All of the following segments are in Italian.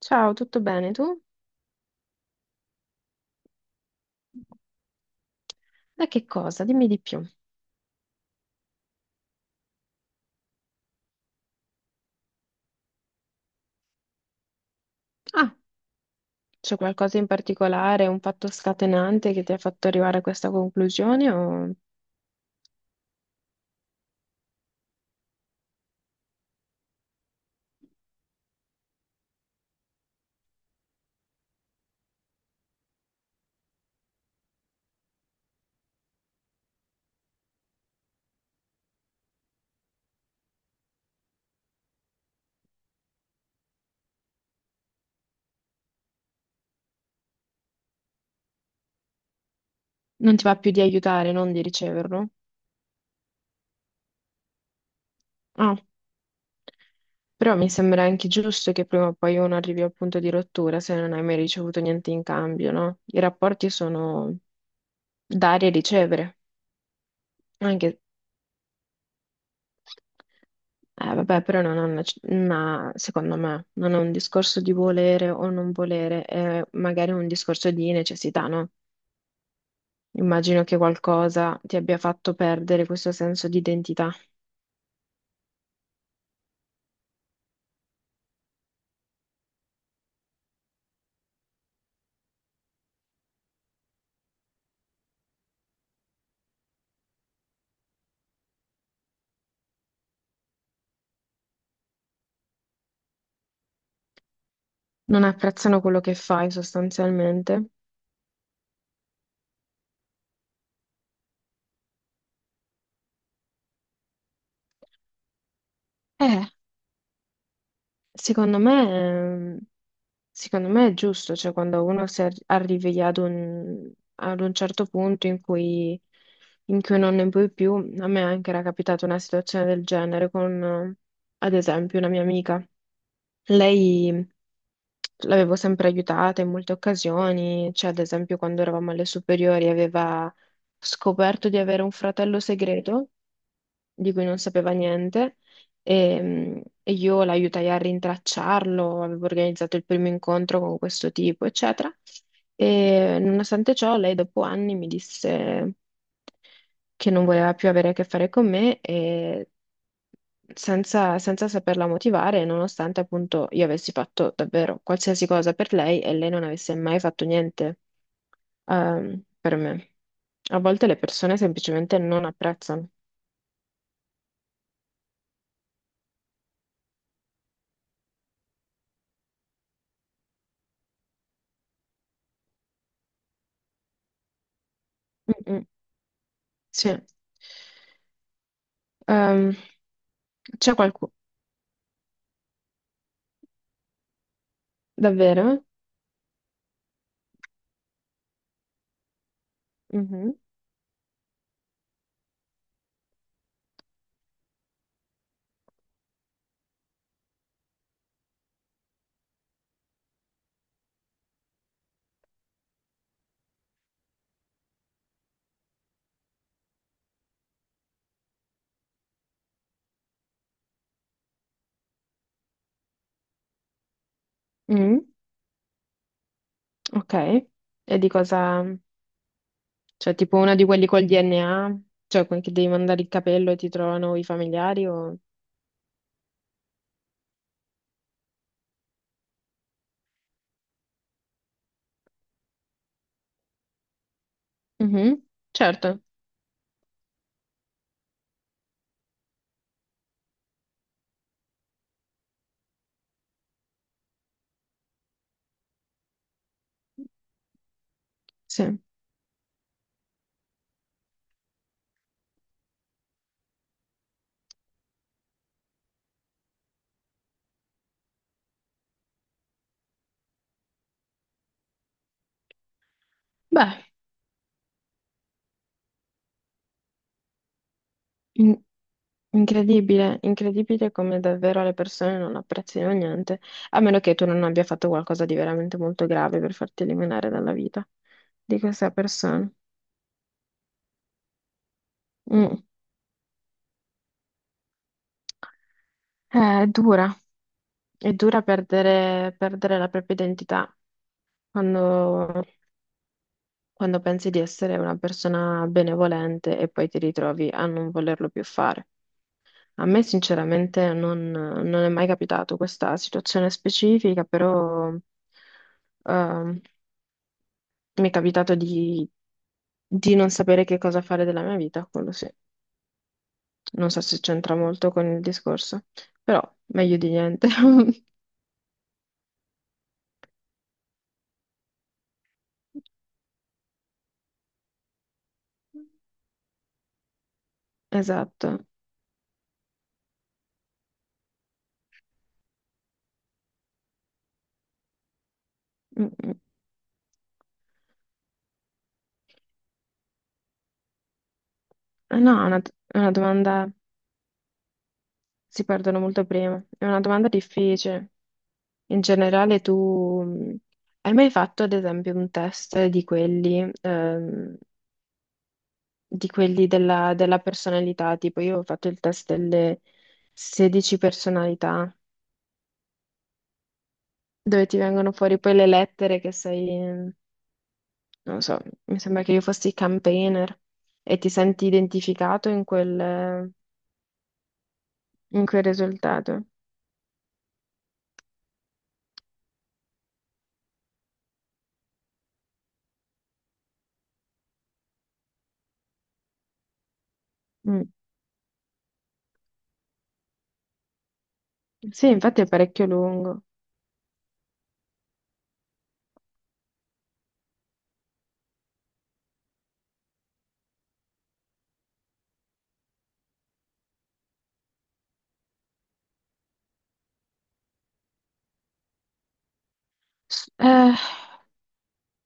Ciao, tutto bene tu? Da che cosa? Dimmi di più. Ah, c'è qualcosa in particolare, un fatto scatenante che ti ha fatto arrivare a questa conclusione o non ti va più di aiutare, non di riceverlo? Ah, però mi sembra anche giusto che prima o poi uno arrivi al punto di rottura se non hai mai ricevuto niente in cambio, no? I rapporti sono dare e ricevere, anche. Vabbè, però non è una, secondo me, non è un discorso di volere o non volere, è magari un discorso di necessità, no? Immagino che qualcosa ti abbia fatto perdere questo senso di identità. Non apprezzano quello che fai sostanzialmente. Eh, secondo me, ehm, secondo me è giusto, cioè quando uno arrivi ad un certo punto in cui non ne puoi più, a me anche era capitata una situazione del genere con, ad esempio, una mia amica. Lei l'avevo sempre aiutata in molte occasioni, cioè ad esempio quando eravamo alle superiori aveva scoperto di avere un fratello segreto di cui non sapeva niente e, e io l'aiutai a rintracciarlo, avevo organizzato il primo incontro con questo tipo, eccetera. E nonostante ciò, lei dopo anni mi disse che non voleva più avere a che fare con me e senza, senza saperla motivare, nonostante appunto io avessi fatto davvero qualsiasi cosa per lei e lei non avesse mai fatto niente, per me. A volte le persone semplicemente non apprezzano. Mm, mm. Sì. Ehm, c'è qualcuno... Davvero? Mhm. Mm, ok. E di cosa... Cioè, tipo uno di quelli col DNA? Cioè, quelli che devi mandare il capello e ti trovano i familiari o... Mhm, certo, sì. Beh, in- incredibile, incredibile come davvero le persone non apprezzino niente, a meno che tu non abbia fatto qualcosa di veramente molto grave per farti eliminare dalla vita di questa persona. Mm. È dura, è dura perdere, perdere la propria identità quando, quando pensi di essere una persona benevolente e poi ti ritrovi a non volerlo più fare. A me sinceramente non, non è mai capitato questa situazione specifica, però ehm, mi è capitato di non sapere che cosa fare della mia vita, quello sì. Non so se c'entra molto con il discorso, però meglio di niente. Esatto. Mm, mm. Eh no, è una domanda. Si perdono molto prima. È una domanda difficile. In generale, tu hai mai fatto, ad esempio, un test di quelli della, della personalità? Tipo, io ho fatto il test delle 16 personalità, dove ti vengono fuori poi le lettere che sei, non lo so, mi sembra che io fossi campaigner e ti senti identificato in quel risultato. Mm. Sì, infatti è parecchio lungo. Eh,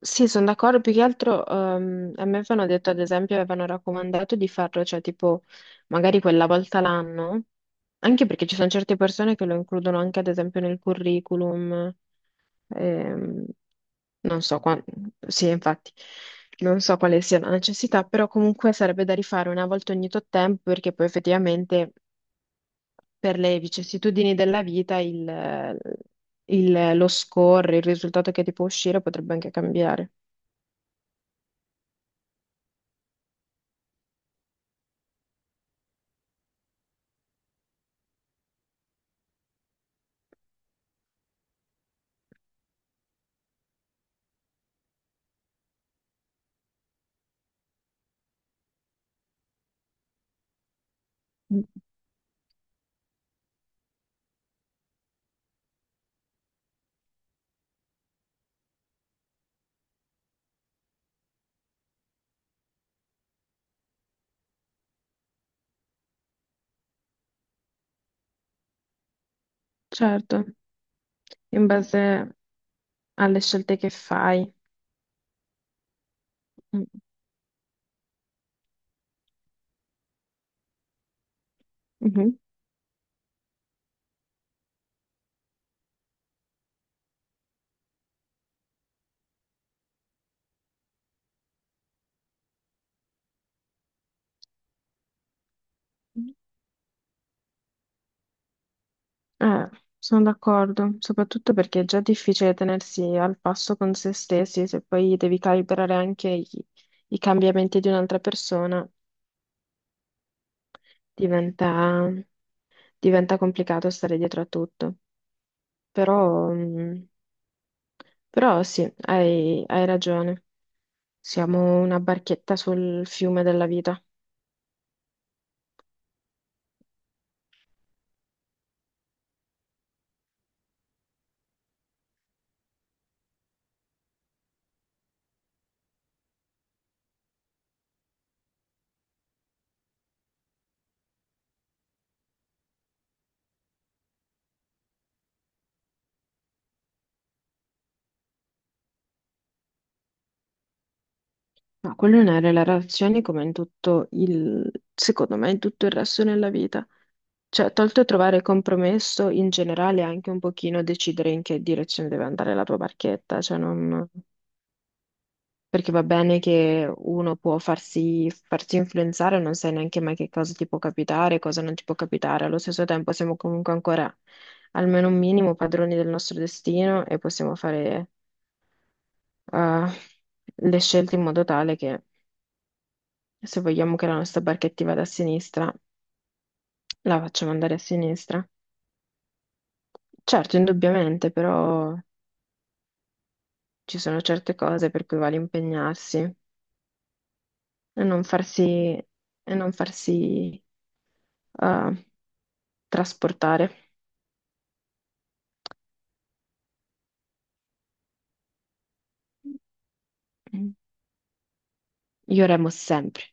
Sì, sono d'accordo, più che altro a me avevano detto, ad esempio, avevano raccomandato di farlo, cioè tipo magari quella volta l'anno, anche perché ci sono certe persone che lo includono anche ad esempio nel curriculum, ehm, non so qua- sì, infatti, non so quale sia la necessità, però comunque sarebbe da rifare una volta ogni tot tempo perché poi effettivamente per le vicissitudini della vita il, lo score, il risultato che ti può uscire potrebbe anche cambiare. Certo, in base alle scelte che fai. Mm. Mhm. Eh, sono d'accordo, soprattutto perché è già difficile tenersi al passo con se stessi, se poi devi calibrare anche i cambiamenti di un'altra persona, diventa, diventa complicato stare dietro a tutto. Però, però sì, hai, hai ragione, siamo una barchetta sul fiume della vita. No, quello non è nelle relazioni come in tutto il, secondo me, in tutto il resto della vita. Cioè, tolto trovare compromesso, in generale anche un pochino decidere in che direzione deve andare la tua barchetta, cioè non... Perché va bene che uno può farsi, farsi influenzare, non sai neanche mai che cosa ti può capitare, cosa non ti può capitare. Allo stesso tempo siamo comunque ancora, almeno un minimo, padroni del nostro destino e possiamo fare eh, le scelte in modo tale che se vogliamo che la nostra barchetta vada a sinistra, la facciamo andare a sinistra. Certo, indubbiamente, però ci sono certe cose per cui vale impegnarsi non farsi, e non farsi eh, trasportare. Io remo sempre,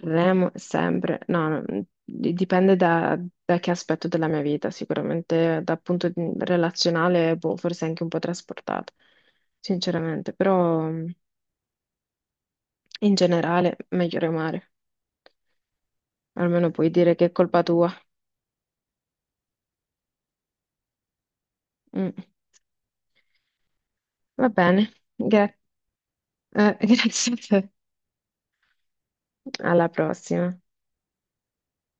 remo sempre. No, no, dipende da, da che aspetto della mia vita, sicuramente dal relazionale, boh, forse anche un po' trasportato, sinceramente, però... In generale, meglio remare, almeno puoi dire che è colpa tua. Mm. Va bene, grazie a te. Alla prossima.